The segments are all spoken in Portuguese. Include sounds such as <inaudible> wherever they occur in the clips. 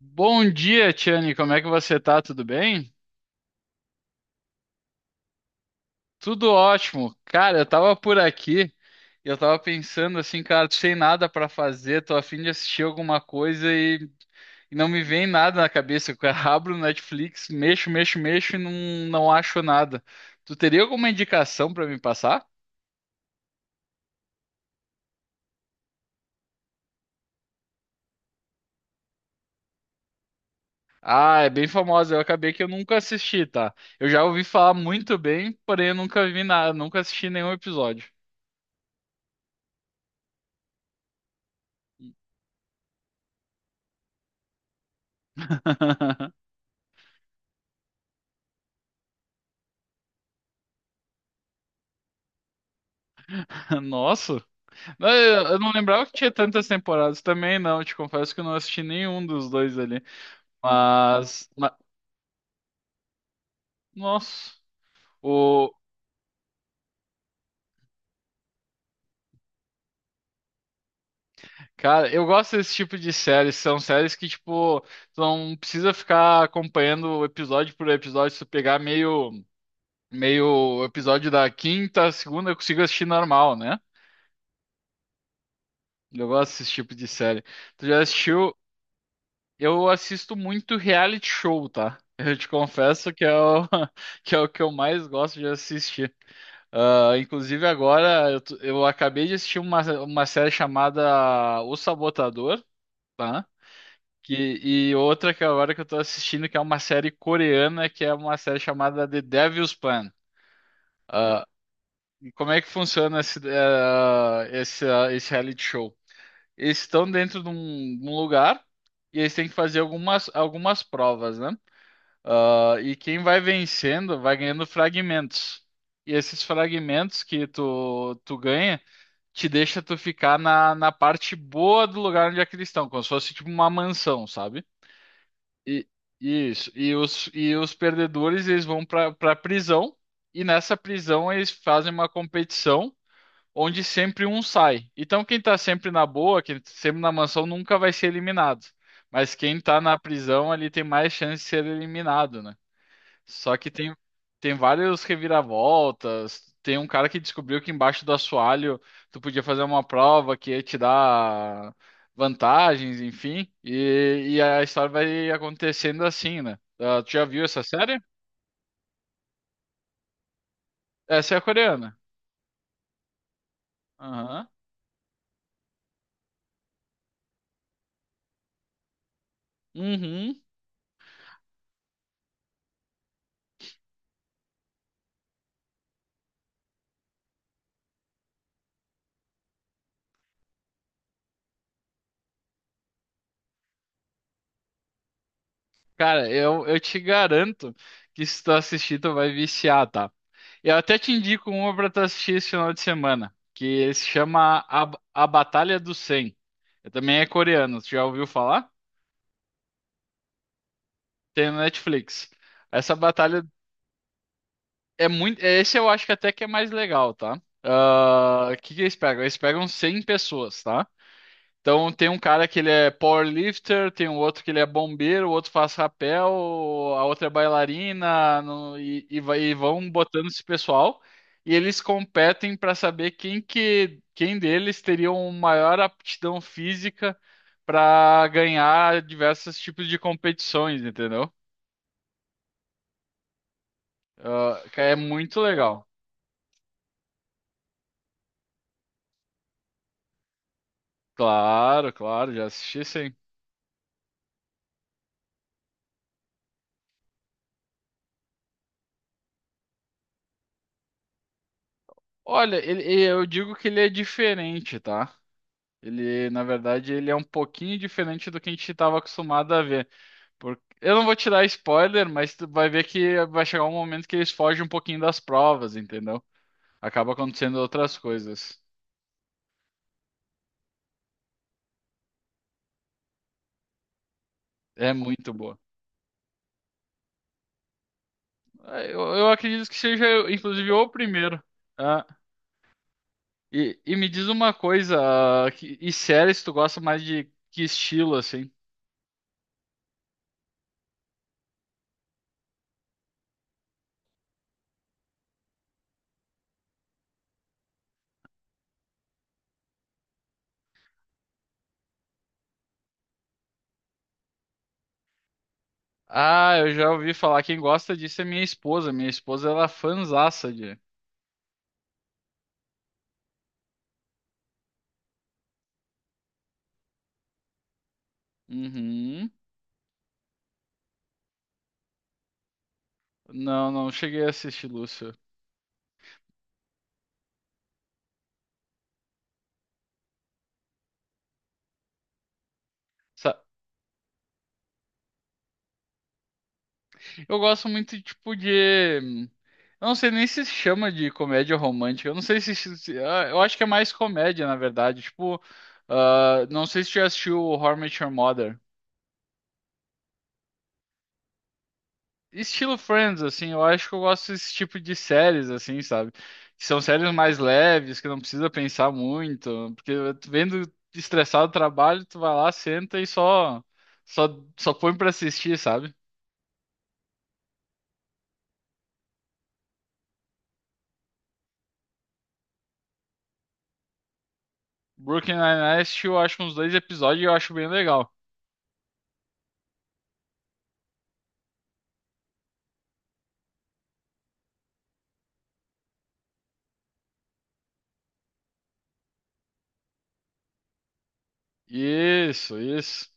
Bom dia, Tiane. Como é que você tá? Tudo bem? Tudo ótimo. Cara, eu tava por aqui e eu tava pensando assim, cara, sem nada pra fazer, tô a fim de assistir alguma coisa e não me vem nada na cabeça. Eu <laughs> abro o Netflix, mexo, mexo, mexo e não acho nada. Tu teria alguma indicação pra me passar? Ah, é bem famosa. Eu acabei que eu nunca assisti, tá? Eu já ouvi falar muito bem, porém eu nunca vi nada, nunca assisti nenhum episódio. <laughs> Nossa. Não, eu não lembrava que tinha tantas temporadas também, não. Te confesso que eu não assisti nenhum dos dois ali. Mas, ma- nossa, o cara, eu gosto desse tipo de séries. São séries que tipo, tu não precisa ficar acompanhando episódio por episódio. Se tu pegar meio episódio da quinta, segunda, eu consigo assistir normal, né? Eu gosto desse tipo de série. Tu já assistiu? Eu assisto muito reality show, tá? Eu te confesso que é <laughs> que é o que eu mais gosto de assistir. Ah, inclusive agora eu acabei de assistir uma série chamada O Sabotador, tá? Que, e outra que agora que eu tô assistindo, que é uma série coreana, que é uma série chamada The Devil's Plan. Ah, e como é que funciona esse reality show? Eles estão dentro de um lugar e eles têm que fazer algumas provas, né? Ah, e quem vai vencendo vai ganhando fragmentos. E esses fragmentos que tu ganha te deixa tu ficar na parte boa do lugar onde é que eles estão, como se fosse tipo uma mansão, sabe? E isso. E os perdedores eles vão para prisão e nessa prisão eles fazem uma competição onde sempre um sai. Então quem tá sempre na boa, quem tá sempre na mansão nunca vai ser eliminado. Mas quem tá na prisão ali tem mais chance de ser eliminado, né? Só que tem, tem vários reviravoltas. Tem um cara que descobriu que embaixo do assoalho tu podia fazer uma prova que ia te dar vantagens, enfim. E a história vai acontecendo assim, né? Ah, tu já viu essa série? Essa é a coreana. Aham. Uhum. Cara, eu te garanto que se tu assistir, tu vai viciar, tá? Eu até te indico uma pra tu assistir esse final de semana, que se chama A Batalha do 100. Eu também é coreano, tu já ouviu falar? Tem no Netflix. Essa batalha é muito. Esse eu acho que até que é mais legal, tá? Ah, o que que eles pegam? Eles pegam 100 pessoas, tá? Então tem um cara que ele é powerlifter, tem um outro que ele é bombeiro, o outro faz rapel, a outra é bailarina, e vão botando esse pessoal. E eles competem para saber quem quem deles teria uma maior aptidão física para ganhar diversos tipos de competições, entendeu? Ah, que é muito legal. Claro, claro, já assisti sim. Olha, ele- eu digo que ele é diferente, tá? Ele é um pouquinho diferente do que a gente estava acostumado a ver. Eu não vou te dar spoiler, mas tu vai ver que vai chegar um momento que eles fogem um pouquinho das provas, entendeu? Acaba acontecendo outras coisas. É muito boa. É, eu acredito que seja, inclusive, o primeiro. Ah, e me diz uma coisa, e séries tu gosta mais de que estilo, assim? Ah, eu já ouvi falar, quem gosta disso é minha esposa. Minha esposa, ela é fãzaça de... Uhum. Não, não cheguei a assistir Lúcio. Sa- Eu gosto muito, tipo, de. Eu não sei nem se chama de comédia romântica. Eu não sei se. Se- se- ah, Eu acho que é mais comédia, na verdade. Tipo, ah, não sei se tu já assistiu How I Met Your Mother. Estilo Friends, assim, eu acho que eu gosto desse tipo de séries, assim, sabe? Que são séries mais leves, que não precisa pensar muito. Porque tu vendo estressado o trabalho, tu vai lá, senta e só, só, só põe pra assistir, sabe? Brooklyn Nine-Nine eu acho uns dois episódios e eu acho bem legal. Isso, isso.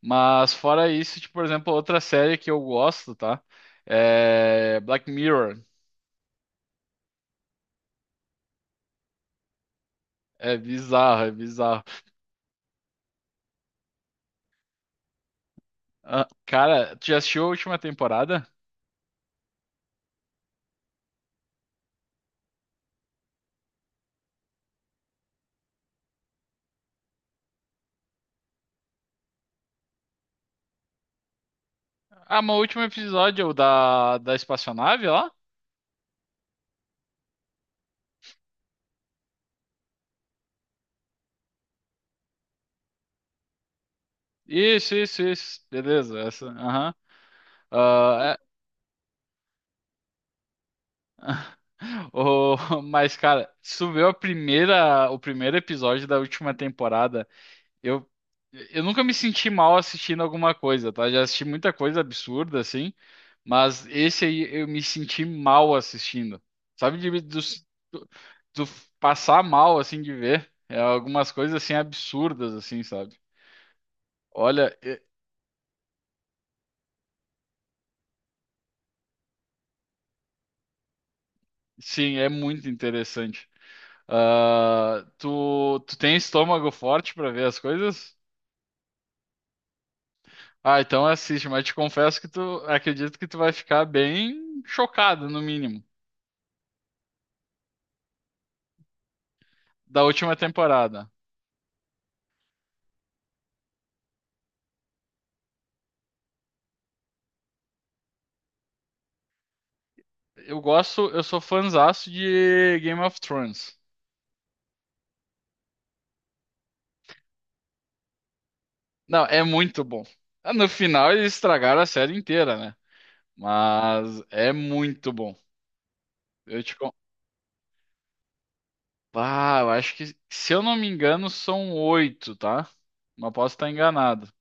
Mas fora isso, tipo, por exemplo, outra série que eu gosto, tá? É Black Mirror. É bizarro, é bizarro. Ah, cara, tu já assistiu a última temporada? Ah, mas o último episódio é o da espaçonave lá? Isso, isso, isso. Beleza, essa. Aham. Ah, é- <laughs> O- mas, cara, se tu vê a primeira, o primeiro episódio da última temporada. Eu, eu nunca me senti mal assistindo alguma coisa, tá? Já assisti muita coisa absurda, assim, mas esse aí eu me senti mal assistindo. Sabe, de, do, do, do passar mal, assim, de ver. É algumas coisas, assim, absurdas, assim, sabe? Olha, é- sim, é muito interessante. Ah, tu tem estômago forte pra ver as coisas? Ah, então assiste, mas te confesso que tu acredito que tu vai ficar bem chocado, no mínimo, da última temporada. Eu gosto, eu sou fãzaço de Game of Thrones. Não, é muito bom. Ah, no final eles estragaram a série inteira, né? Mas é muito bom. Eu te con... Ah, eu acho que, se eu não me engano, são oito, tá? Mas posso estar enganado.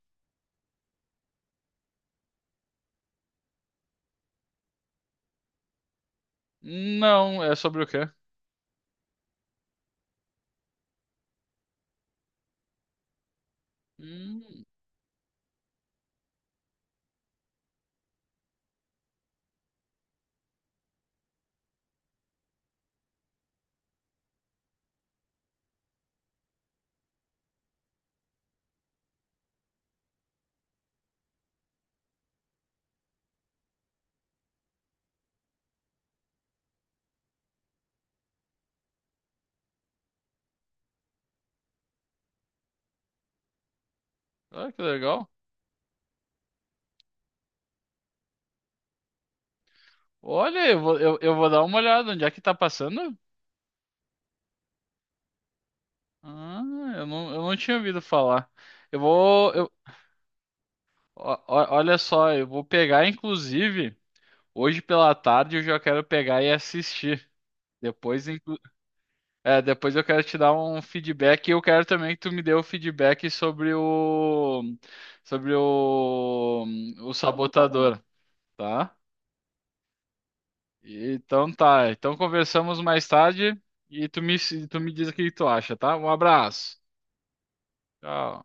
Não, é sobre o quê? Hum, ah, que legal. Eu vou dar uma olhada. Onde é que tá passando? Ah, eu não tinha ouvido falar. Eu vou. Eu- ó- ó- olha só, eu vou pegar, inclusive. Hoje pela tarde eu já quero pegar e assistir. Depois, inclu- depois eu quero te dar um feedback e eu quero também que tu me dê o feedback sobre o sabotador, tá? Então tá. Então conversamos mais tarde e tu me diz o que tu acha, tá? Um abraço. Tchau.